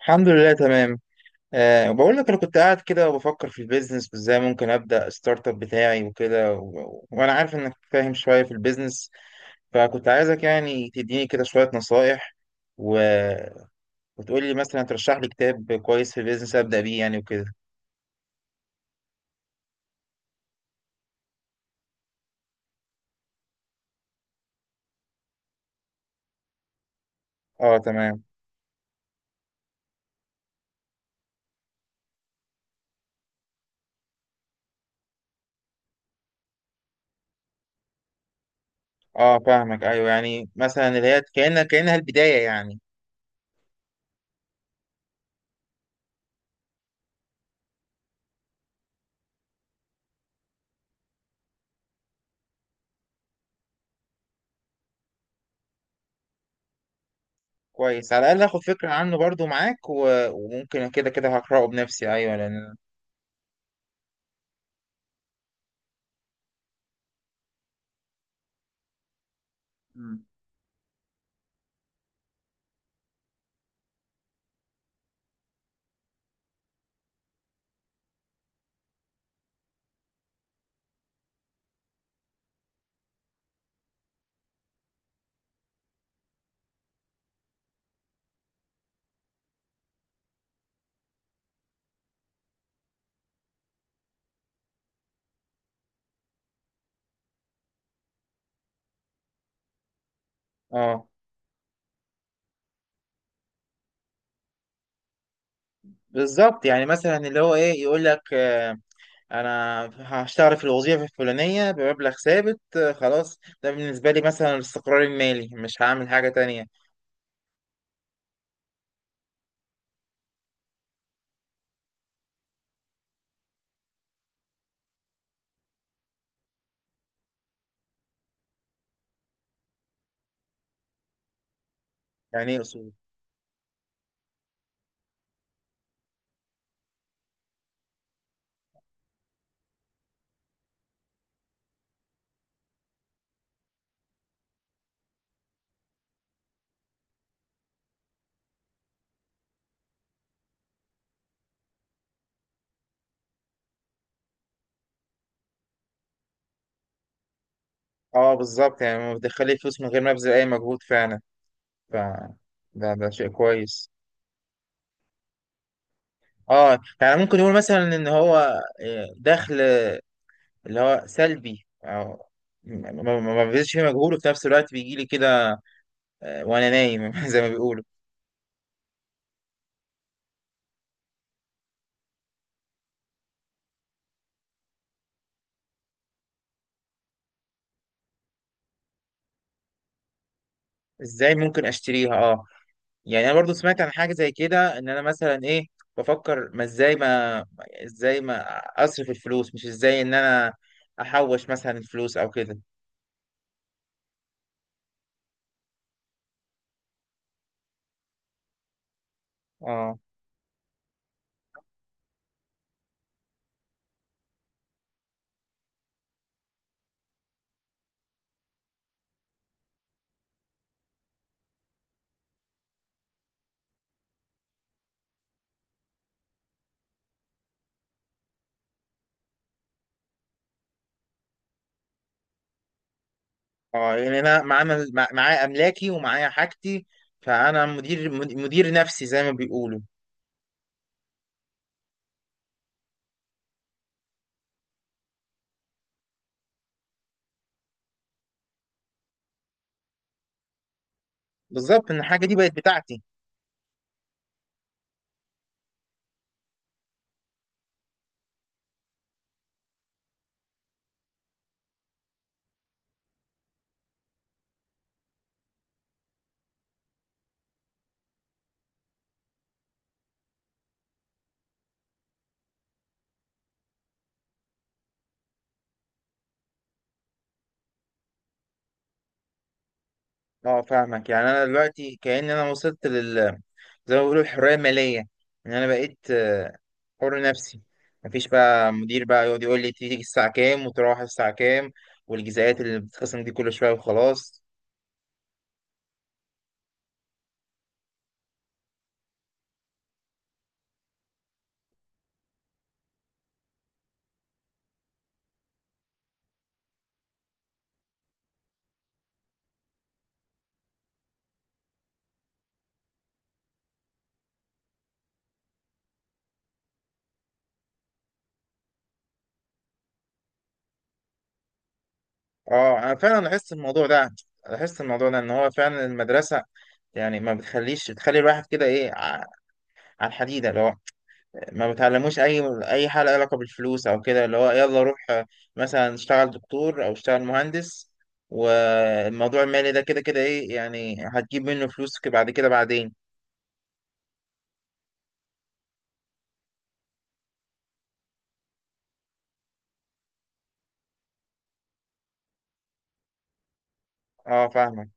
الحمد لله تمام. أه، بقول لك انا كنت قاعد كده وبفكر في البيزنس وازاي ممكن ابدا ستارت اب بتاعي وكده وانا عارف انك فاهم شويه في البيزنس، فكنت عايزك يعني تديني كده شويه نصايح و... وتقول لي مثلا ترشح لي كتاب كويس في البيزنس ابدا بيه يعني وكده. اه تمام. اه، فاهمك. ايوه، يعني مثلا اللي هي كانها البدايه يعني. كويس، على الاقل اخد فكره عنه برضو معاك، وممكن كده كده هقراه بنفسي. ايوه لان مم. اه بالظبط، يعني مثلا اللي هو ايه، يقول لك آه، انا هشتغل في الوظيفه الفلانيه بمبلغ ثابت آه، خلاص ده بالنسبه لي مثلا الاستقرار المالي، مش هعمل حاجه تانية. يعني ايه اصول؟ اه بالظبط، يعني ما بتدخلي فلوس من غير ما ابذل اي مجهود فعلا. ف ده ده شيء كويس. اه يعني ممكن يقول مثلا ان هو آه، دخل اللي هو سلبي، او ما ببذلش فيه مجهود، وفي نفس الوقت بيجي لي كده آه، وانا نايم زي ما بيقولوا. ازاي ممكن اشتريها؟ اه يعني انا برضو سمعت عن حاجه زي كده، ان انا مثلا ايه، بفكر ما ازاي ما ازاي ما اصرف الفلوس، مش ازاي ان انا احوش مثلا الفلوس او كده. اه. اه يعني انا معايا معايا املاكي ومعايا حاجتي، فانا مدير نفسي زي ما بيقولوا. بالظبط، ان الحاجه دي بقت بتاعتي. اه فاهمك، يعني انا دلوقتي كأن انا وصلت لل، زي ما بيقولوا، الحرية المالية. ان انا بقيت آه، حر نفسي. مفيش بقى مدير بقى يقعد يقول لي تيجي الساعة كام وتروح الساعة كام، والجزئيات اللي بتتخصم دي كل شوية، وخلاص. اه انا فعلا لاحظت الموضوع ده. ان هو فعلا المدرسة يعني ما بتخليش بتخلي الواحد كده ايه على الحديدة، لو ما بتعلموش اي حاجه لها علاقه بالفلوس او كده، اللي هو يلا روح آه، مثلا اشتغل دكتور او اشتغل مهندس، والموضوع المالي ده كده كده ايه يعني هتجيب منه فلوس بعد كده بعدين. اه فاهمك.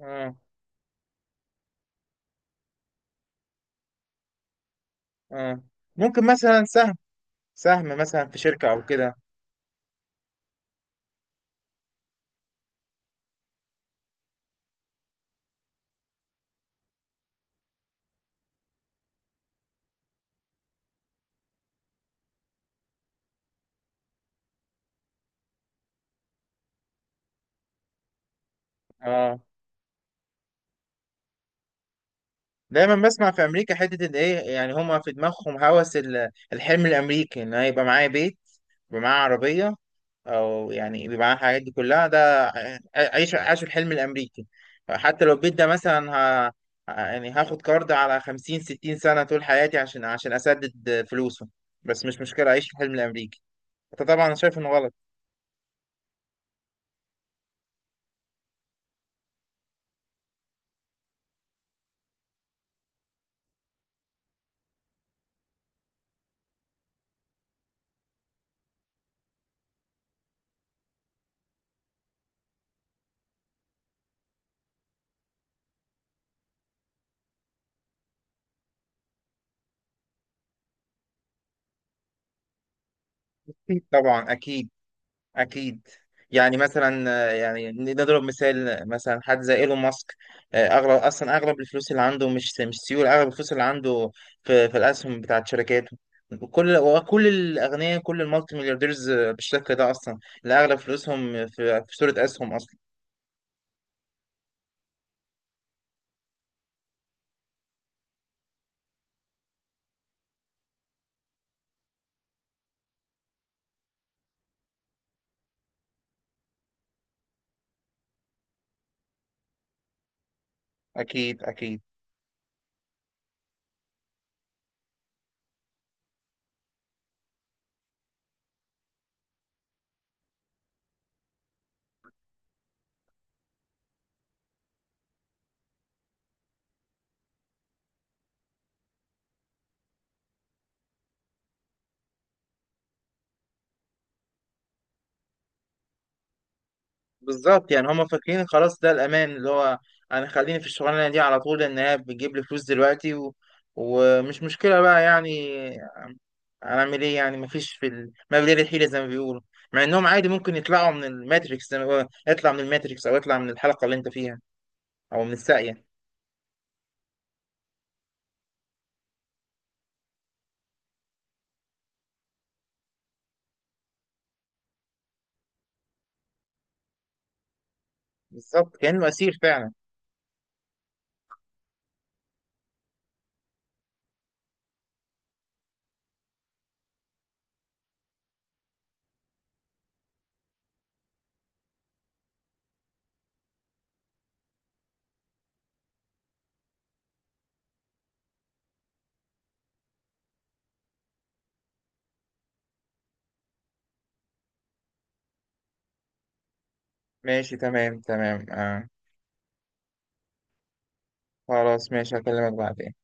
اه، اه ممكن مثلا سهم، مثلا في شركه او كده. اه، دايما بسمع في امريكا حته، ان ايه يعني هما في دماغهم هوس الحلم الامريكي، ان أنا يبقى معايا بيت، يبقى معايا عربيه، او يعني يبقى معايا الحاجات دي كلها، ده عيش، عاش الحلم الامريكي. حتى لو البيت ده مثلا ه... يعني هاخد كارد على 50 60 سنه طول حياتي عشان اسدد فلوسه، بس مش مشكله، اعيش الحلم الامريكي. انت طبعا شايف انه غلط. طبعا اكيد. أكيد. يعني مثلا آه، يعني نضرب مثال مثلا حد زي إيلون ماسك، آه، أغلب، أصلا أغلب الفلوس اللي عنده مش سيولة، أغلب الفلوس اللي عنده في, الأسهم بتاعت شركاته. كل وكل الأغنياء، كل المالتي مليارديرز آه، بالشكل ده أصلا، اللي أغلب فلوسهم في, صورة أسهم أصلا. أكيد أكيد. بالظبط، يعني هما فاكرين خلاص ده الأمان اللي هو، أنا خليني في الشغلانة دي على طول لأن هي بتجيب لي فلوس دلوقتي ومش مشكلة بقى يعني. هنعمل ايه يعني، مفيش في ما بين الحيلة زي ما بيقولوا، مع انهم عادي ممكن يطلعوا من الماتريكس زي ما بيقولوا، اطلع من الماتريكس او اطلع من الحلقة اللي انت فيها او من الساقية. بالظبط، كأنه اسير فعلا. ماشي تمام تمام آه. خلاص، ماشي، هكلمك بعدين.